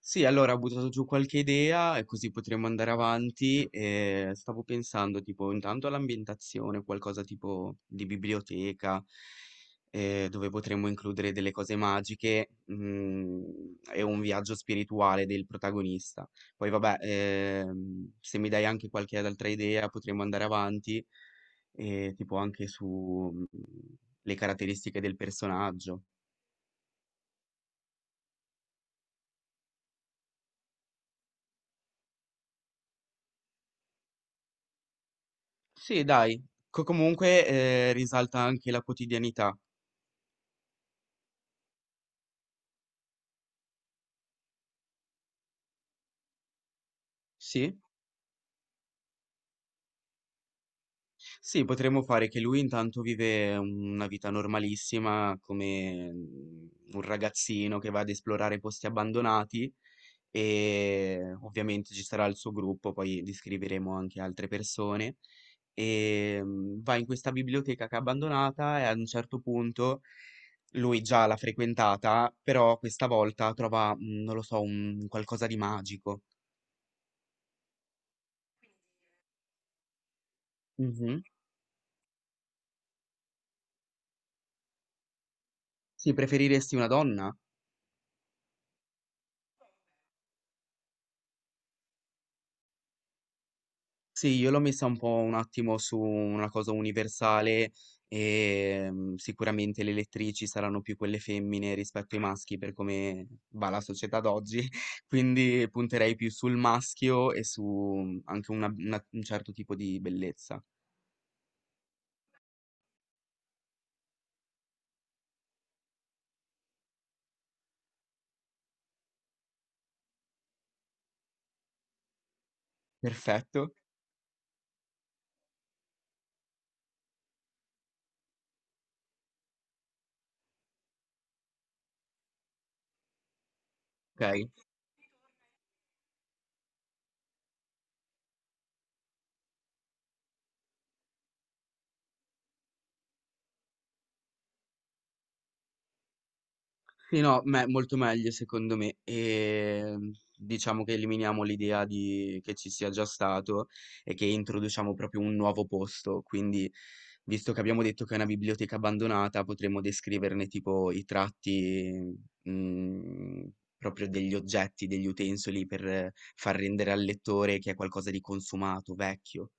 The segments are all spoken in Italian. Sì, allora ho buttato giù qualche idea e così potremmo andare avanti e stavo pensando tipo intanto all'ambientazione, qualcosa tipo di biblioteca dove potremmo includere delle cose magiche e un viaggio spirituale del protagonista. Poi vabbè, se mi dai anche qualche altra idea potremmo andare avanti e tipo anche su. Le caratteristiche del personaggio. Sì dai, co comunque, risalta anche la quotidianità. Sì, sì potremmo fare che lui intanto vive una vita normalissima come, un ragazzino che va ad esplorare posti abbandonati e ovviamente ci sarà il suo gruppo, poi descriveremo anche altre persone. Va in questa biblioteca che è abbandonata e a un certo punto lui già l'ha frequentata, però questa volta trova, non lo so, un qualcosa di magico. Mh-mh. Sì, preferiresti una donna? Sì, io l'ho messa un po' un attimo su una cosa universale, sicuramente le elettrici saranno più quelle femmine rispetto ai maschi per come va la società d'oggi, quindi punterei più sul maschio e su, anche una un certo tipo di bellezza. Perfetto, okay. Sì, no, me molto meglio secondo me. Diciamo che eliminiamo l'idea di che ci sia già stato e che introduciamo proprio un nuovo posto. Quindi, visto che abbiamo detto che è una biblioteca abbandonata, potremmo descriverne tipo i tratti, mhmm, proprio degli oggetti, degli utensili per far rendere al lettore che è qualcosa di consumato, vecchio.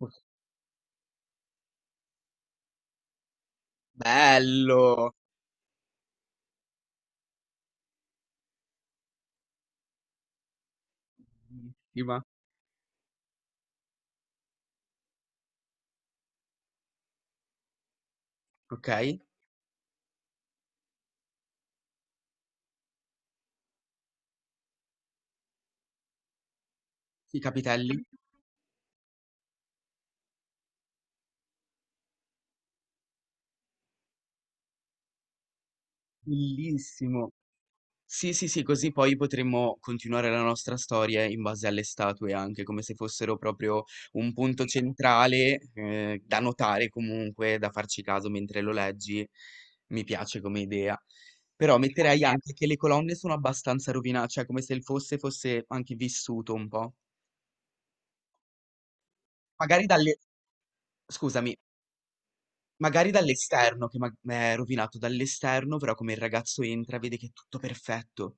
Ok, bello! Bellissima. Okay. I capitelli? Bellissimo. Sì, sì, sì, così poi potremmo continuare la nostra storia in base alle statue anche, come se fossero proprio un punto centrale, da notare comunque, da farci caso mentre lo leggi. Mi piace come idea. Però metterei anche che le colonne sono abbastanza rovina, cioè come se il fosse anche vissuto un po'. Magari dalle, scusami, magari dall'esterno che ma è rovinato dall'esterno, però come il ragazzo entra vede che è tutto perfetto.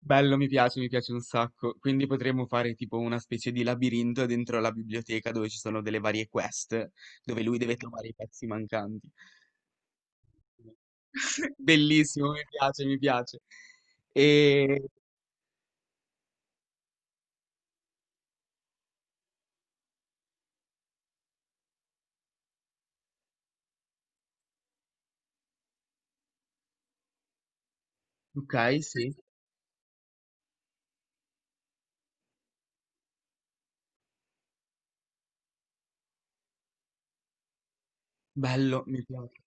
Bello, mi piace un sacco. Quindi potremmo fare tipo una specie di labirinto dentro la biblioteca dove ci sono delle varie quest, dove lui deve trovare i pezzi mancanti. Bellissimo, mi piace, mi piace. E... Ok, sì, bello, mi piace.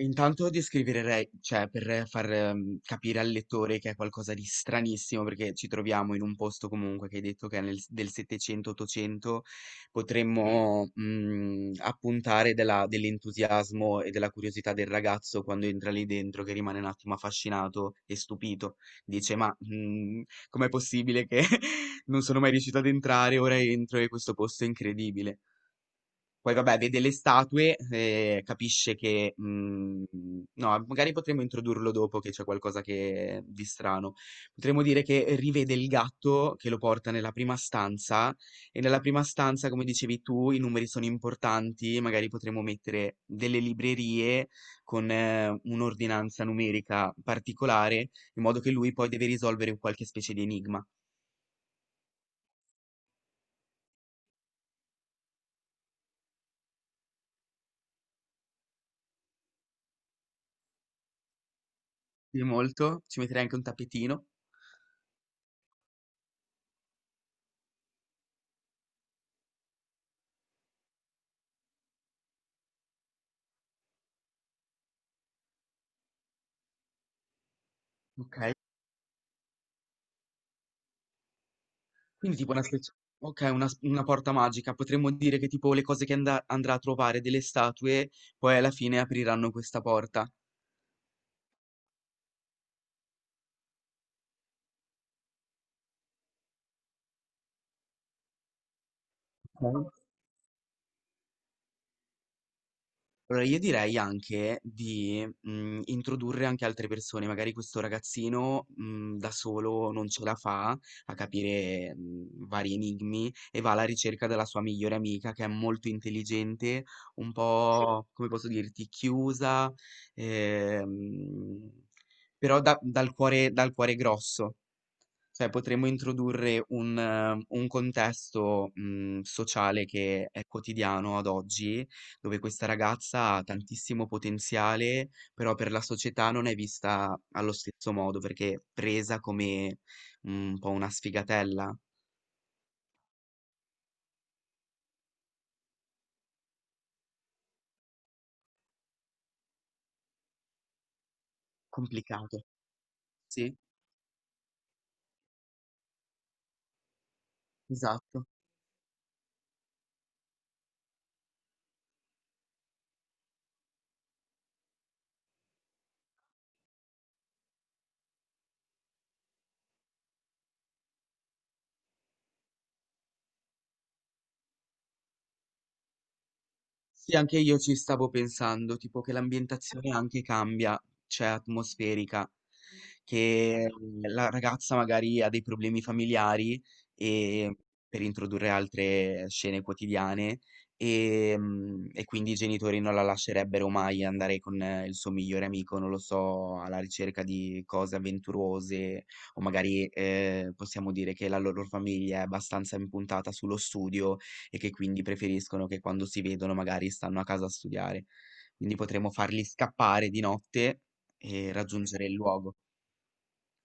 Intanto descriverei, cioè per far, capire al lettore che è qualcosa di stranissimo, perché ci troviamo in un posto comunque che hai detto che è nel s del 700, 800, potremmo, appuntare della dell'entusiasmo e della curiosità del ragazzo quando entra lì dentro, che rimane un attimo affascinato e stupito. Dice: "Ma, com'è possibile che non sono mai riuscito ad entrare, ora entro e questo posto è incredibile". Poi vabbè, vede le statue, capisce che. No, magari potremmo introdurlo dopo che c'è qualcosa che di strano. Potremmo dire che rivede il gatto che lo porta nella prima stanza e nella prima stanza, come dicevi tu, i numeri sono importanti, magari potremmo mettere delle librerie con un'ordinanza numerica particolare, in modo che lui poi deve risolvere un qualche specie di enigma. Quindi molto, ci metterei anche un tappetino. Ok. Quindi tipo una specie, okay, una s una porta magica. Potremmo dire che tipo le cose che anda andrà a trovare delle statue, poi alla fine apriranno questa porta. Okay. Allora io direi anche di, introdurre anche altre persone, magari questo ragazzino, da solo non ce la fa a capire, vari enigmi e va alla ricerca della sua migliore amica che è molto intelligente, un sì, po' come posso dirti, chiusa, ehm, però da dal cuore grosso. Cioè potremmo introdurre un contesto, sociale che è quotidiano ad oggi, dove questa ragazza ha tantissimo potenziale, però per la società non è vista allo stesso modo, perché è presa come, un po' una sfigatella. Complicato. Sì, esatto. Sì, anche io ci stavo pensando, tipo che l'ambientazione anche cambia, cioè atmosferica, che la ragazza magari ha dei problemi familiari e per introdurre altre scene quotidiane e quindi i genitori non la lascerebbero mai andare con il suo migliore amico, non lo so, alla ricerca di cose avventurose o magari possiamo dire che la loro famiglia è abbastanza impuntata sullo studio e che quindi preferiscono che quando si vedono magari stanno a casa a studiare. Quindi potremmo farli scappare di notte e raggiungere il luogo.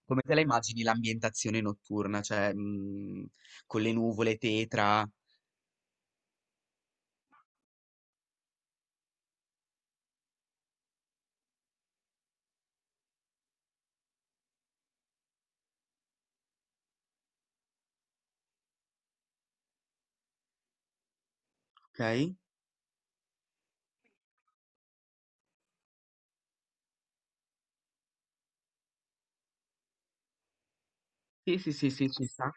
Come te la immagini l'ambientazione notturna? Cioè, con le nuvole tetra, okay? Sì, sì, sì, sì, ci sta.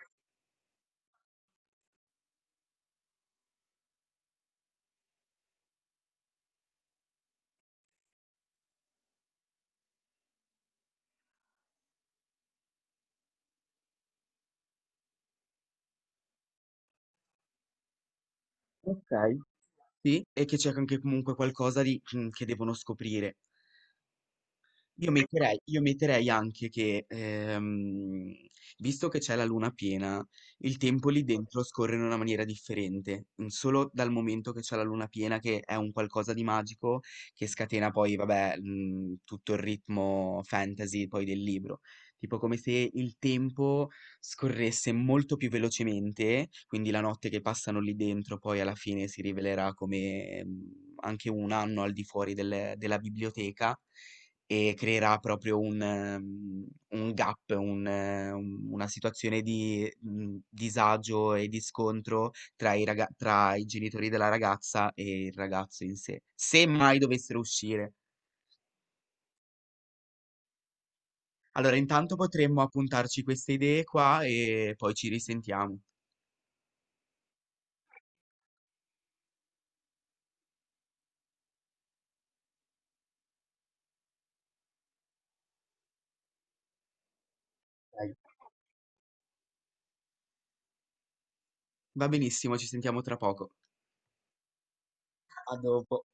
Okay. Sì, e che c'è anche comunque qualcosa di che devono scoprire. Io metterei anche che, visto che c'è la luna piena, il tempo lì dentro scorre in una maniera differente, solo dal momento che c'è la luna piena che è un qualcosa di magico, che scatena poi vabbè, tutto il ritmo fantasy poi del libro. Tipo come se il tempo scorresse molto più velocemente, quindi la notte che passano lì dentro poi alla fine si rivelerà come, anche un anno al di fuori del della biblioteca e creerà proprio un un gap, un una situazione di, disagio e di scontro tra i raga tra i genitori della ragazza e il ragazzo in sé, se mai dovessero uscire. Allora intanto potremmo appuntarci queste idee qua e poi ci risentiamo. Dai. Va benissimo, ci sentiamo tra poco. A dopo.